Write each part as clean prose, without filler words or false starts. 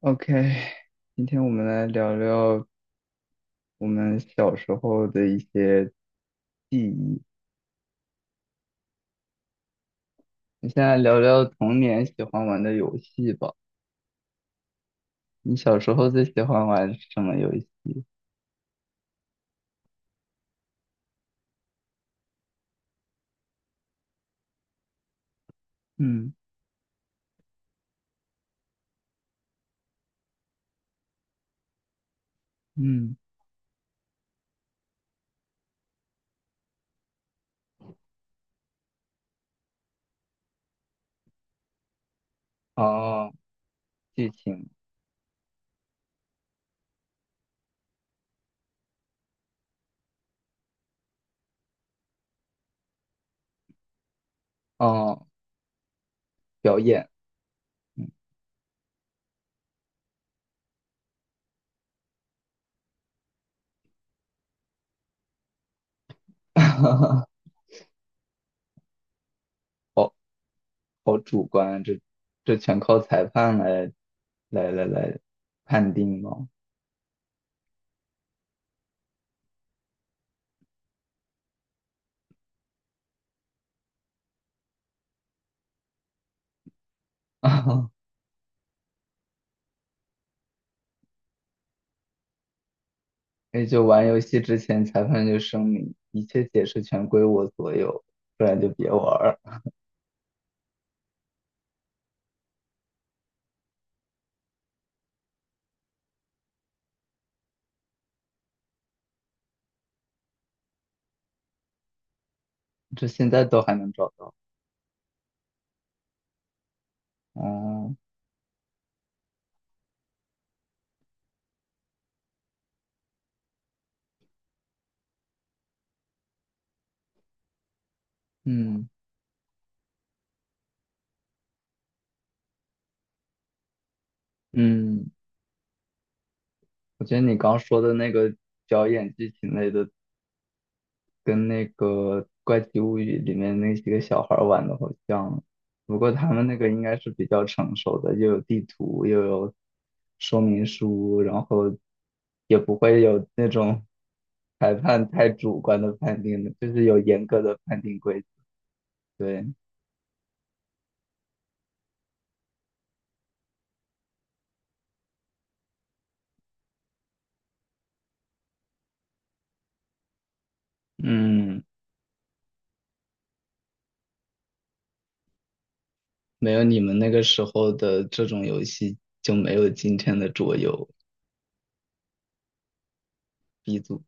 OK，今天我们来聊聊我们小时候的一些记忆。你现在聊聊童年喜欢玩的游戏吧。你小时候最喜欢玩什么游戏？嗯嗯，哦，剧情，哦，表演，好好主观啊这全靠裁判来判定吗？也就玩游戏之前，裁判就声明一切解释权归我所有，不然就别玩儿。这现在都还能找到。哦，嗯嗯，我觉得你刚说的那个表演剧情类的，跟那个《怪奇物语》里面那几个小孩儿玩的好像，不过他们那个应该是比较成熟的，又有地图，又有说明书，然后也不会有那种裁判太主观的判定的，就是有严格的判定规则。对，嗯。没有你们那个时候的这种游戏，就没有今天的桌游 B 组。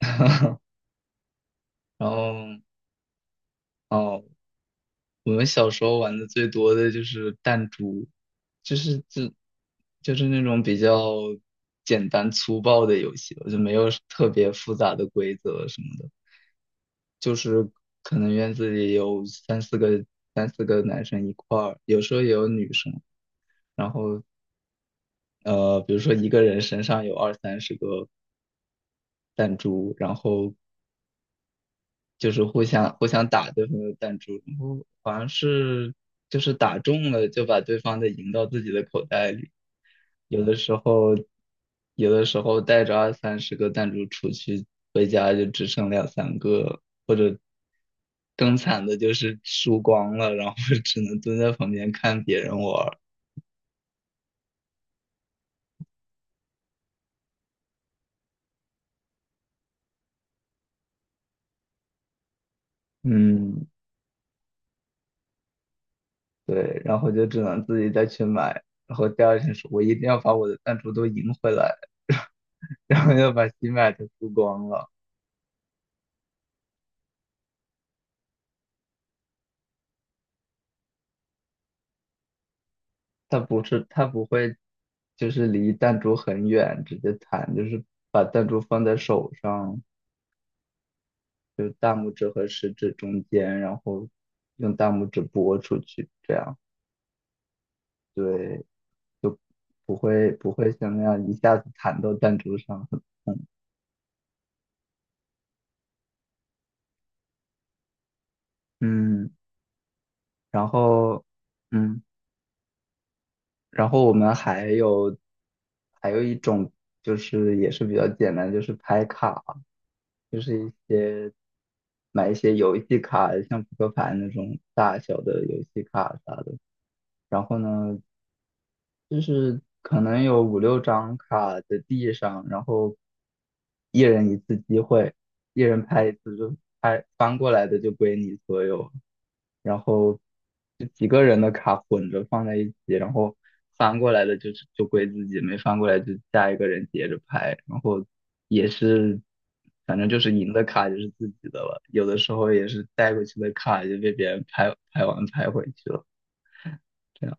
然后哦，我们小时候玩的最多的就是弹珠，就是就就是那种比较简单粗暴的游戏吧，就没有特别复杂的规则什么的。就是可能院子里有三四个男生一块儿，有时候也有女生。然后比如说一个人身上有二三十个弹珠，然后就是互相打对方的弹珠，然后好像是就是打中了就把对方的赢到自己的口袋里，有的时候有的时候带着二三十个弹珠出去，回家就只剩两三个了或者更惨的就是输光了，然后 只能蹲在旁边看别人玩儿。嗯，对，然后就只能自己再去买，然后第二天说我一定要把我的弹珠都赢回来，然后又把新买的输光了。他不是他不会，就是离弹珠很远直接弹，就是把弹珠放在手上，就是大拇指和食指中间，然后用大拇指拨出去，这样对，不会不会像那样一下子弹到弹珠上，很痛。嗯，然后嗯。然后我们还有一种就是也是比较简单，就是拍卡，就是一些买一些游戏卡，像扑克牌那种大小的游戏卡啥的。然后呢，就是可能有五六张卡在地上，然后一人一次机会，一人拍一次就拍，翻过来的就归你所有，然后就几个人的卡混着放在一起，然后翻过来的就归自己，没翻过来就下一个人接着拍，然后也是反正就是赢的卡就是自己的了，有的时候也是带过去的卡就被别人拍拍完拍回去了，这样，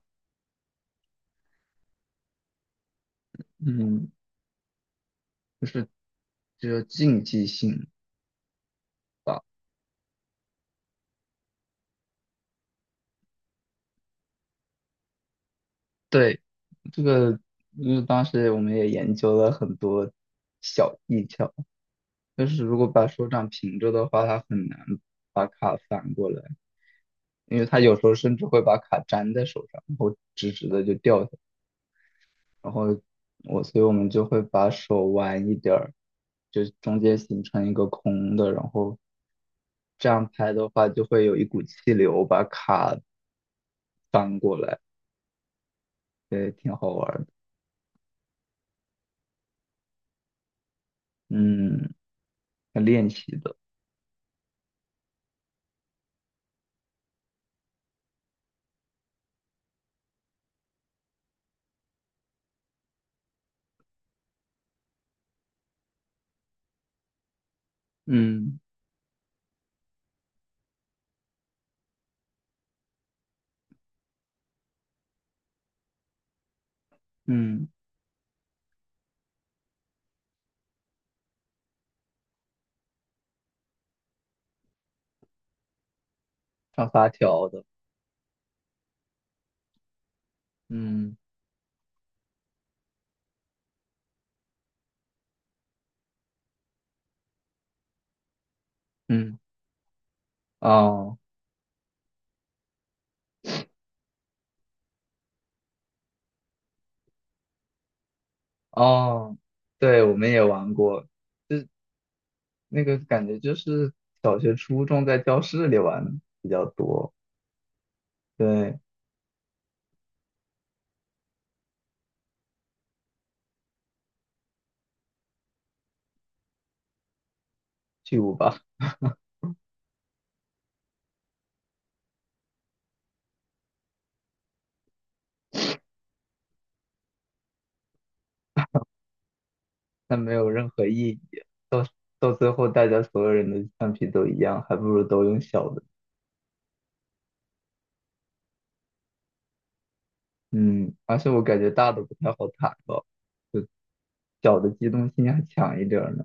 嗯。就是只有竞技性吧。对，这个因为当时我们也研究了很多小技巧，但是如果把手掌平着的话，它很难把卡翻过来，因为它有时候甚至会把卡粘在手上，然后直直的就掉下来。然后所以我们就会把手弯一点儿，就中间形成一个空的，然后这样拍的话，就会有一股气流把卡翻过来，对，挺好玩儿的。嗯，练习的，嗯嗯，上发条的，嗯嗯，哦哦，对，我们也玩过，就那个感觉就是小学、初中在教室里玩比较多，对，巨无霸，但没有任何意义，到到最后大家所有人的橡皮都一样，还不如都用小的，嗯，而且我感觉大的不太好弹吧，就小的机动性还强一点儿呢。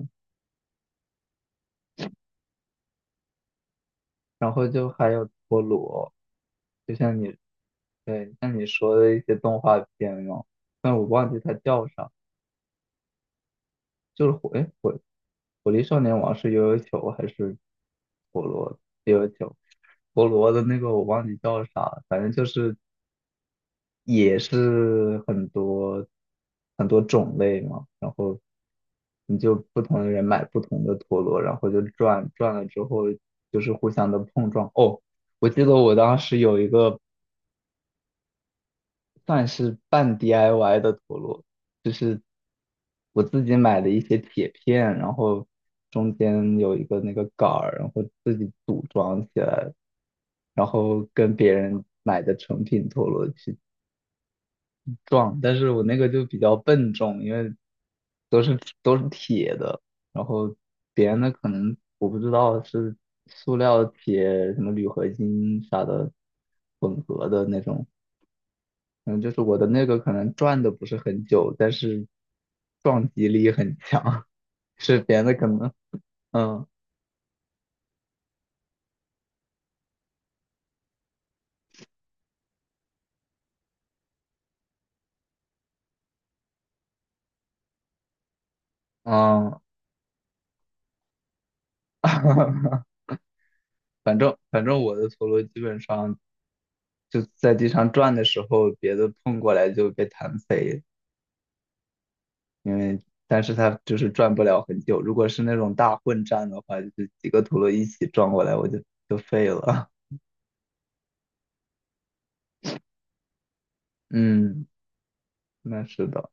然后就还有陀螺，就像你对像你说的一些动画片嘛，但我忘记它叫啥，就是火哎火火力少年王是悠悠球还是陀螺悠悠球？陀螺的那个我忘记叫啥了反正就是也是很多很多种类嘛，然后你就不同的人买不同的陀螺，然后就转转了之后就是互相的碰撞。哦，我记得我当时有一个算是半 DIY 的陀螺，就是我自己买的一些铁片，然后中间有一个那个杆儿，然后自己组装起来，然后跟别人买的成品陀螺去撞，但是我那个就比较笨重，因为都是铁的，然后别人的可能我不知道是塑料、铁、什么铝合金啥的混合的那种，嗯，就是我的那个可能转的不是很久，但是撞击力很强，是别人的可能，嗯嗯，反正我的陀螺基本上就在地上转的时候，别的碰过来就被弹飞，因为但是它就是转不了很久。如果是那种大混战的话，就是几个陀螺一起撞过来，我就废了。嗯，那是的。